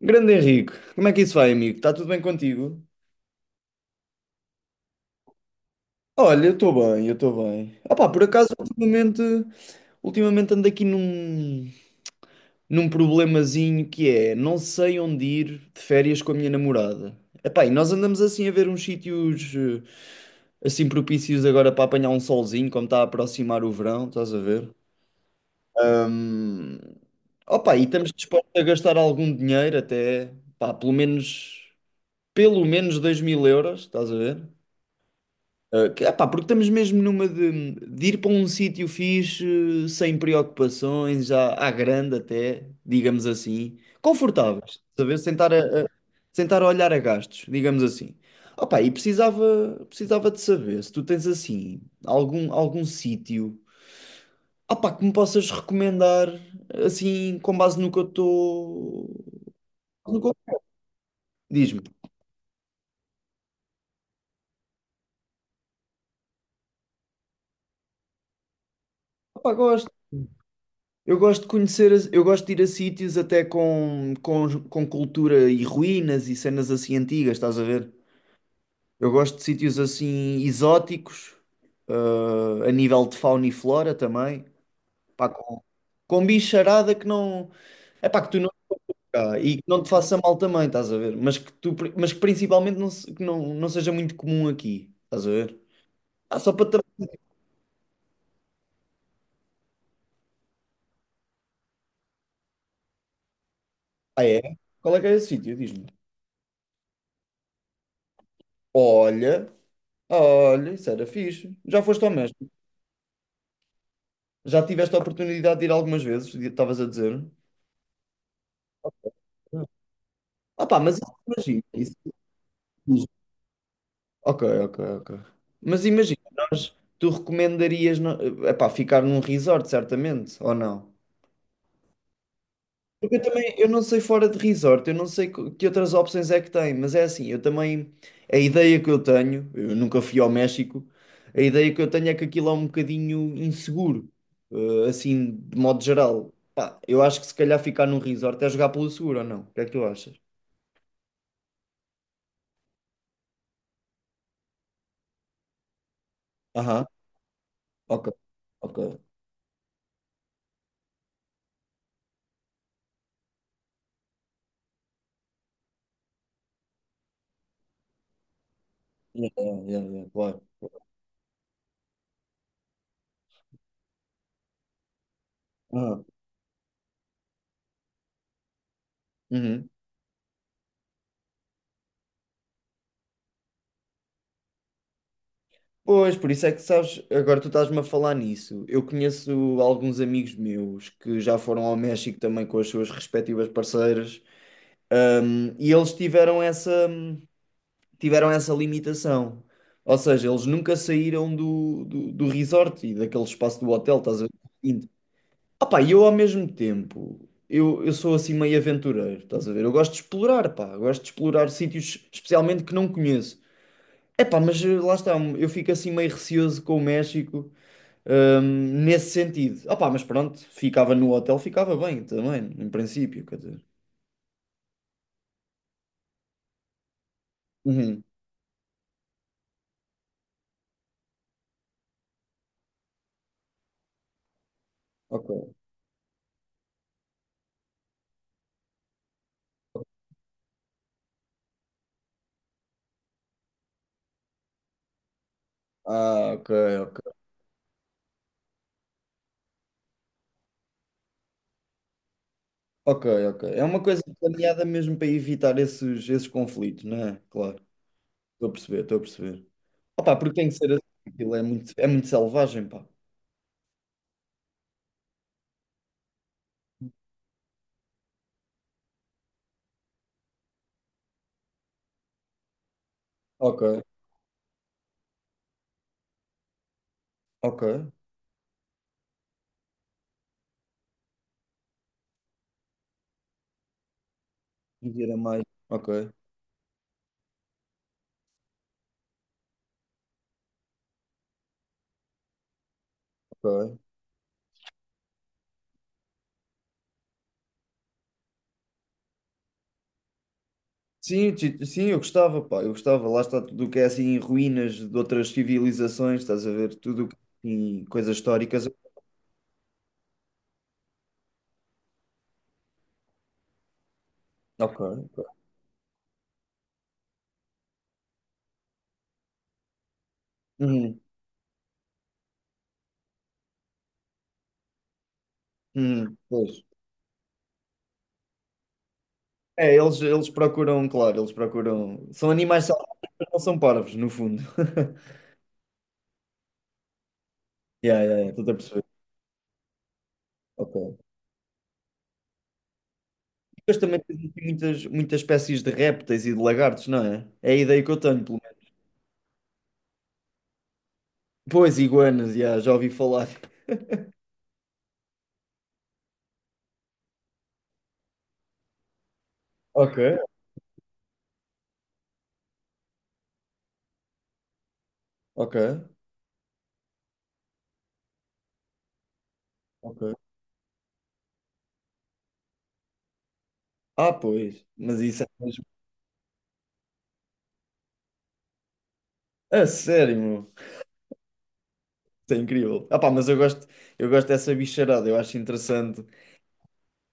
Grande Henrique, como é que isso vai, amigo? Está tudo bem contigo? Olha, eu estou bem, eu estou bem. Ah pá, por acaso, ultimamente ando aqui num problemazinho que é, não sei onde ir de férias com a minha namorada. Epá, e nós andamos assim a ver uns sítios assim propícios agora para apanhar um solzinho, como está a aproximar o verão, estás a ver? Hum, opá, e estamos dispostos a gastar algum dinheiro até, pá, pelo menos, €2000, estás a ver? Epá, porque estamos mesmo numa de ir para um sítio fixe, sem preocupações, já à grande até, digamos assim, confortáveis, saber sentar a olhar a gastos, digamos assim. Opa, e precisava de saber se tu tens assim algum sítio, opá, que me possas recomendar assim com base no que eu estou. Diz-me, opá, gosto. Eu gosto de conhecer, eu gosto de ir a sítios até com, cultura e ruínas e cenas assim antigas, estás a ver? Eu gosto de sítios assim exóticos, a nível de fauna e flora também, pá, com bicharada que não, é pá, que tu não cá e que não te faça mal também, estás a ver? Mas que tu, pri- mas que principalmente não, que não seja muito comum aqui, estás a ver? Ah, só para também. Ah, é? Qual é que é esse sítio? Diz-me. Olha, olha, isso era fixe. Já foste ao mesmo? Já tiveste a oportunidade de ir algumas vezes, estavas a dizer? Ah pá, mas imagina, isso. Ok, ok, ok. Mas imagina, tu recomendarias, epá, ficar num resort, certamente, ou não? Porque eu também, eu não sei fora de resort, eu não sei que outras opções é que tem, mas é assim, eu também, a ideia que eu tenho, eu nunca fui ao México, a ideia que eu tenho é que aquilo é um bocadinho inseguro, assim, de modo geral. Pá, eu acho que se calhar ficar num resort é jogar pelo seguro, ou não? O que é que tu achas? Aham, ok, ok. Yeah, yeah, yeah, yeah, claro. Aham, uhum. Pois, por isso é que sabes, agora tu estás-me a falar nisso. Eu conheço alguns amigos meus que já foram ao México também com as suas respectivas parceiras, e eles tiveram essa limitação. Ou seja, eles nunca saíram do resort e daquele espaço do hotel, estás a ver? Opá, e eu ao mesmo tempo, eu sou assim meio aventureiro, estás a ver? Eu gosto de explorar, pá, eu gosto de explorar sítios especialmente que não conheço. É pá, mas lá está, eu fico assim meio receoso com o México, nesse sentido. Ah pá, mas pronto, ficava no hotel, ficava bem também, em princípio, quer dizer. Uhum, ok. Ah, ok, ok. Ok, ok. É uma coisa planeada mesmo para evitar esses conflitos, não é? Claro, estou a perceber, estou a perceber. Opá, porque tem que ser assim, aquilo é muito selvagem, pá. Ok, ok. Viver a mais. Ok, ok. Sim, eu gostava, pá, eu gostava. Lá está tudo o que é assim, ruínas de outras civilizações, estás a ver? Tudo o que tem coisas históricas. Ok, ok. Uhum, uhum, pois. É, eles procuram, claro, eles procuram. São animais selvagens, não são parvos, no fundo. Yeah, yeah, yeah, estou a perceber. Ok. Mas também existem muitas, muitas espécies de répteis e de lagartos, não é? É a ideia que eu tenho, pelo menos. Pois, iguanas, yeah, já ouvi falar. Ok, ok. Ok. Ah, pois. Mas isso é mesmo. A sério, meu. Isso é incrível. Ah, pá, mas eu gosto dessa bicharada, eu acho interessante.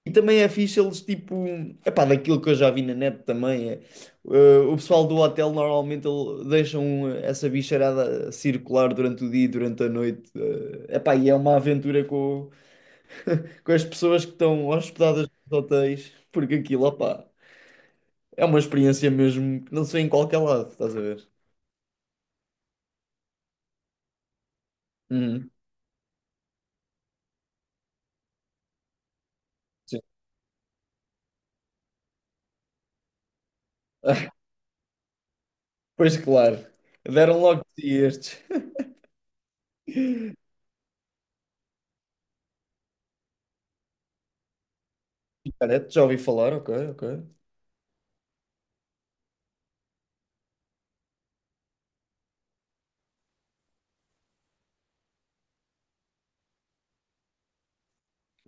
E também é fixe eles, tipo, é pá, daquilo que eu já vi na net também. É, o pessoal do hotel normalmente deixam essa bicharada circular durante o dia e durante a noite. É pá, e é uma aventura com, com as pessoas que estão hospedadas nos hotéis, porque aquilo, opá, é uma experiência mesmo que não se vê em qualquer lado, estás a ver? Uhum. Sim. Pois claro, deram logo de si estes. Cara, já ouvi falar, ok, ok.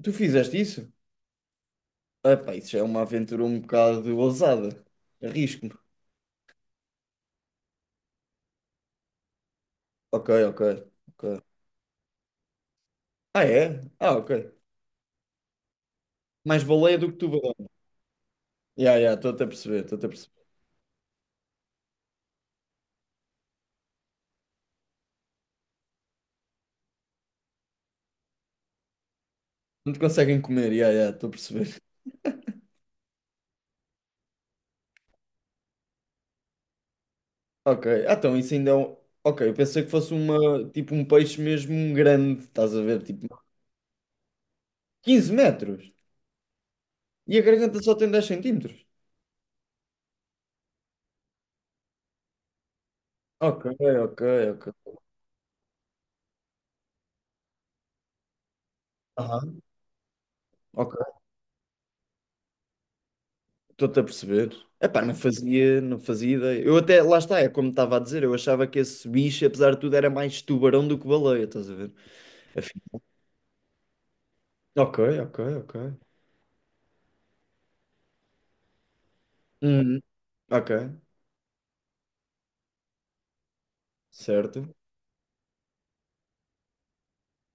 Tu fizeste isso? Epá, isso é uma aventura um bocado ousada. Arrisco-me. Ok, ok, ok. Ah, é? Ah, ok. Mais baleia do que tubarão. Ya, ya, estou-te a perceber, estou-te a perceber. Não te conseguem comer, ya, ya, estou a perceber. Ok, ah, então isso ainda é um... Ok, eu pensei que fosse uma, tipo um peixe mesmo grande, estás a ver, tipo 15 metros. E a garganta só tem 10 centímetros. Ok, ok, ok. Aham. Ok. Estou-te a perceber. Epá, não fazia ideia. Eu até, lá está, é como estava a dizer, eu achava que esse bicho, apesar de tudo, era mais tubarão do que baleia, estás a ver? Afim- Ok, ok, ok. Uhum. Ok, certo.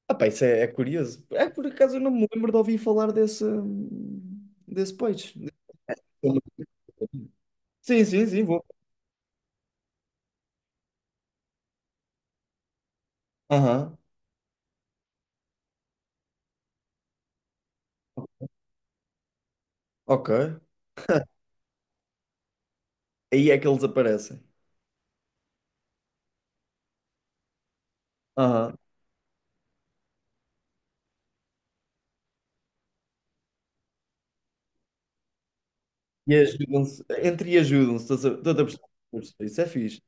Ah pá, isso é curioso. É, por acaso eu não me lembro de ouvir falar desse peixe. Sim, sim, sim, vou. Aham, ok. Aí é que eles aparecem. Aham. E ajudam-se, entre e ajudam-se, estás a perceber? Isso é fixe.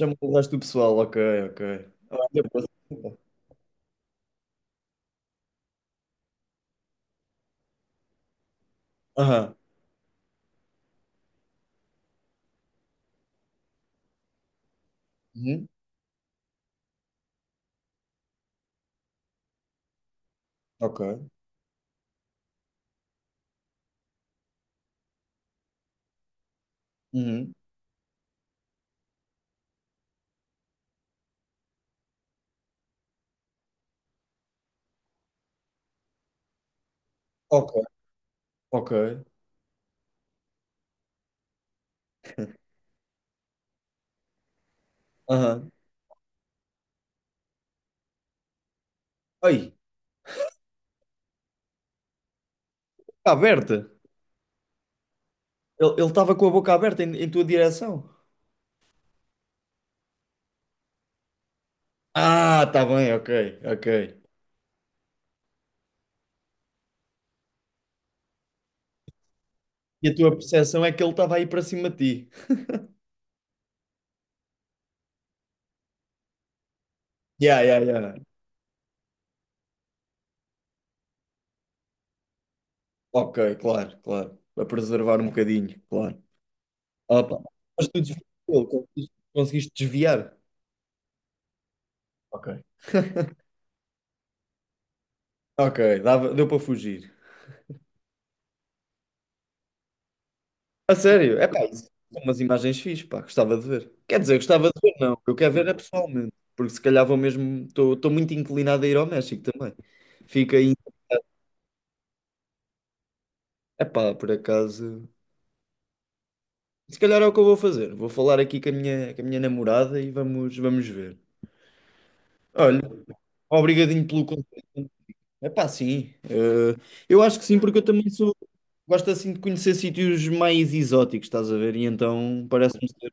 Já me mudaste do pessoal, ok, ok. Ah, depois- Aham. Uhum. Ok. Uhum. Ok, ok. Aham. Aí, está aberta. Ele estava com a boca aberta em tua direção. Ah, está bem, ok, ok. E a tua percepção é que ele estava aí para cima de ti. Yeah, yeah, yeah. Ok, claro, claro. Para preservar um bocadinho, claro. Opa. Mas tu desviou, conseguiste desviar. Ok. Ok, dava, deu para fugir. A sério? É pá, isso são umas imagens fixes, pá, gostava de ver. Quer dizer, gostava de ver, não. Eu quero ver é pessoalmente, porque se calhar vou mesmo. Estou muito inclinado a ir ao México também. Fica aí. É pá, por acaso. Se calhar é o que eu vou fazer. Vou falar aqui com a minha namorada e vamos, vamos ver. Olha, obrigadinho pelo conselho. É pá, sim. Eu acho que sim, porque eu também sou. Gosto assim de conhecer sítios mais exóticos, estás a ver? E então parece-me ser,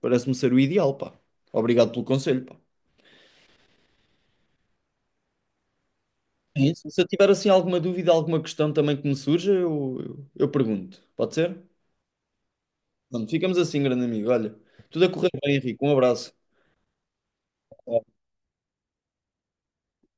parece-me ser o ideal, pá. Obrigado pelo conselho, pá. É isso. Se eu tiver assim alguma dúvida, alguma questão também que me surja, eu pergunto. Pode ser? Pronto, ficamos assim, grande amigo. Olha, tudo a correr bem, Henrique. Um abraço.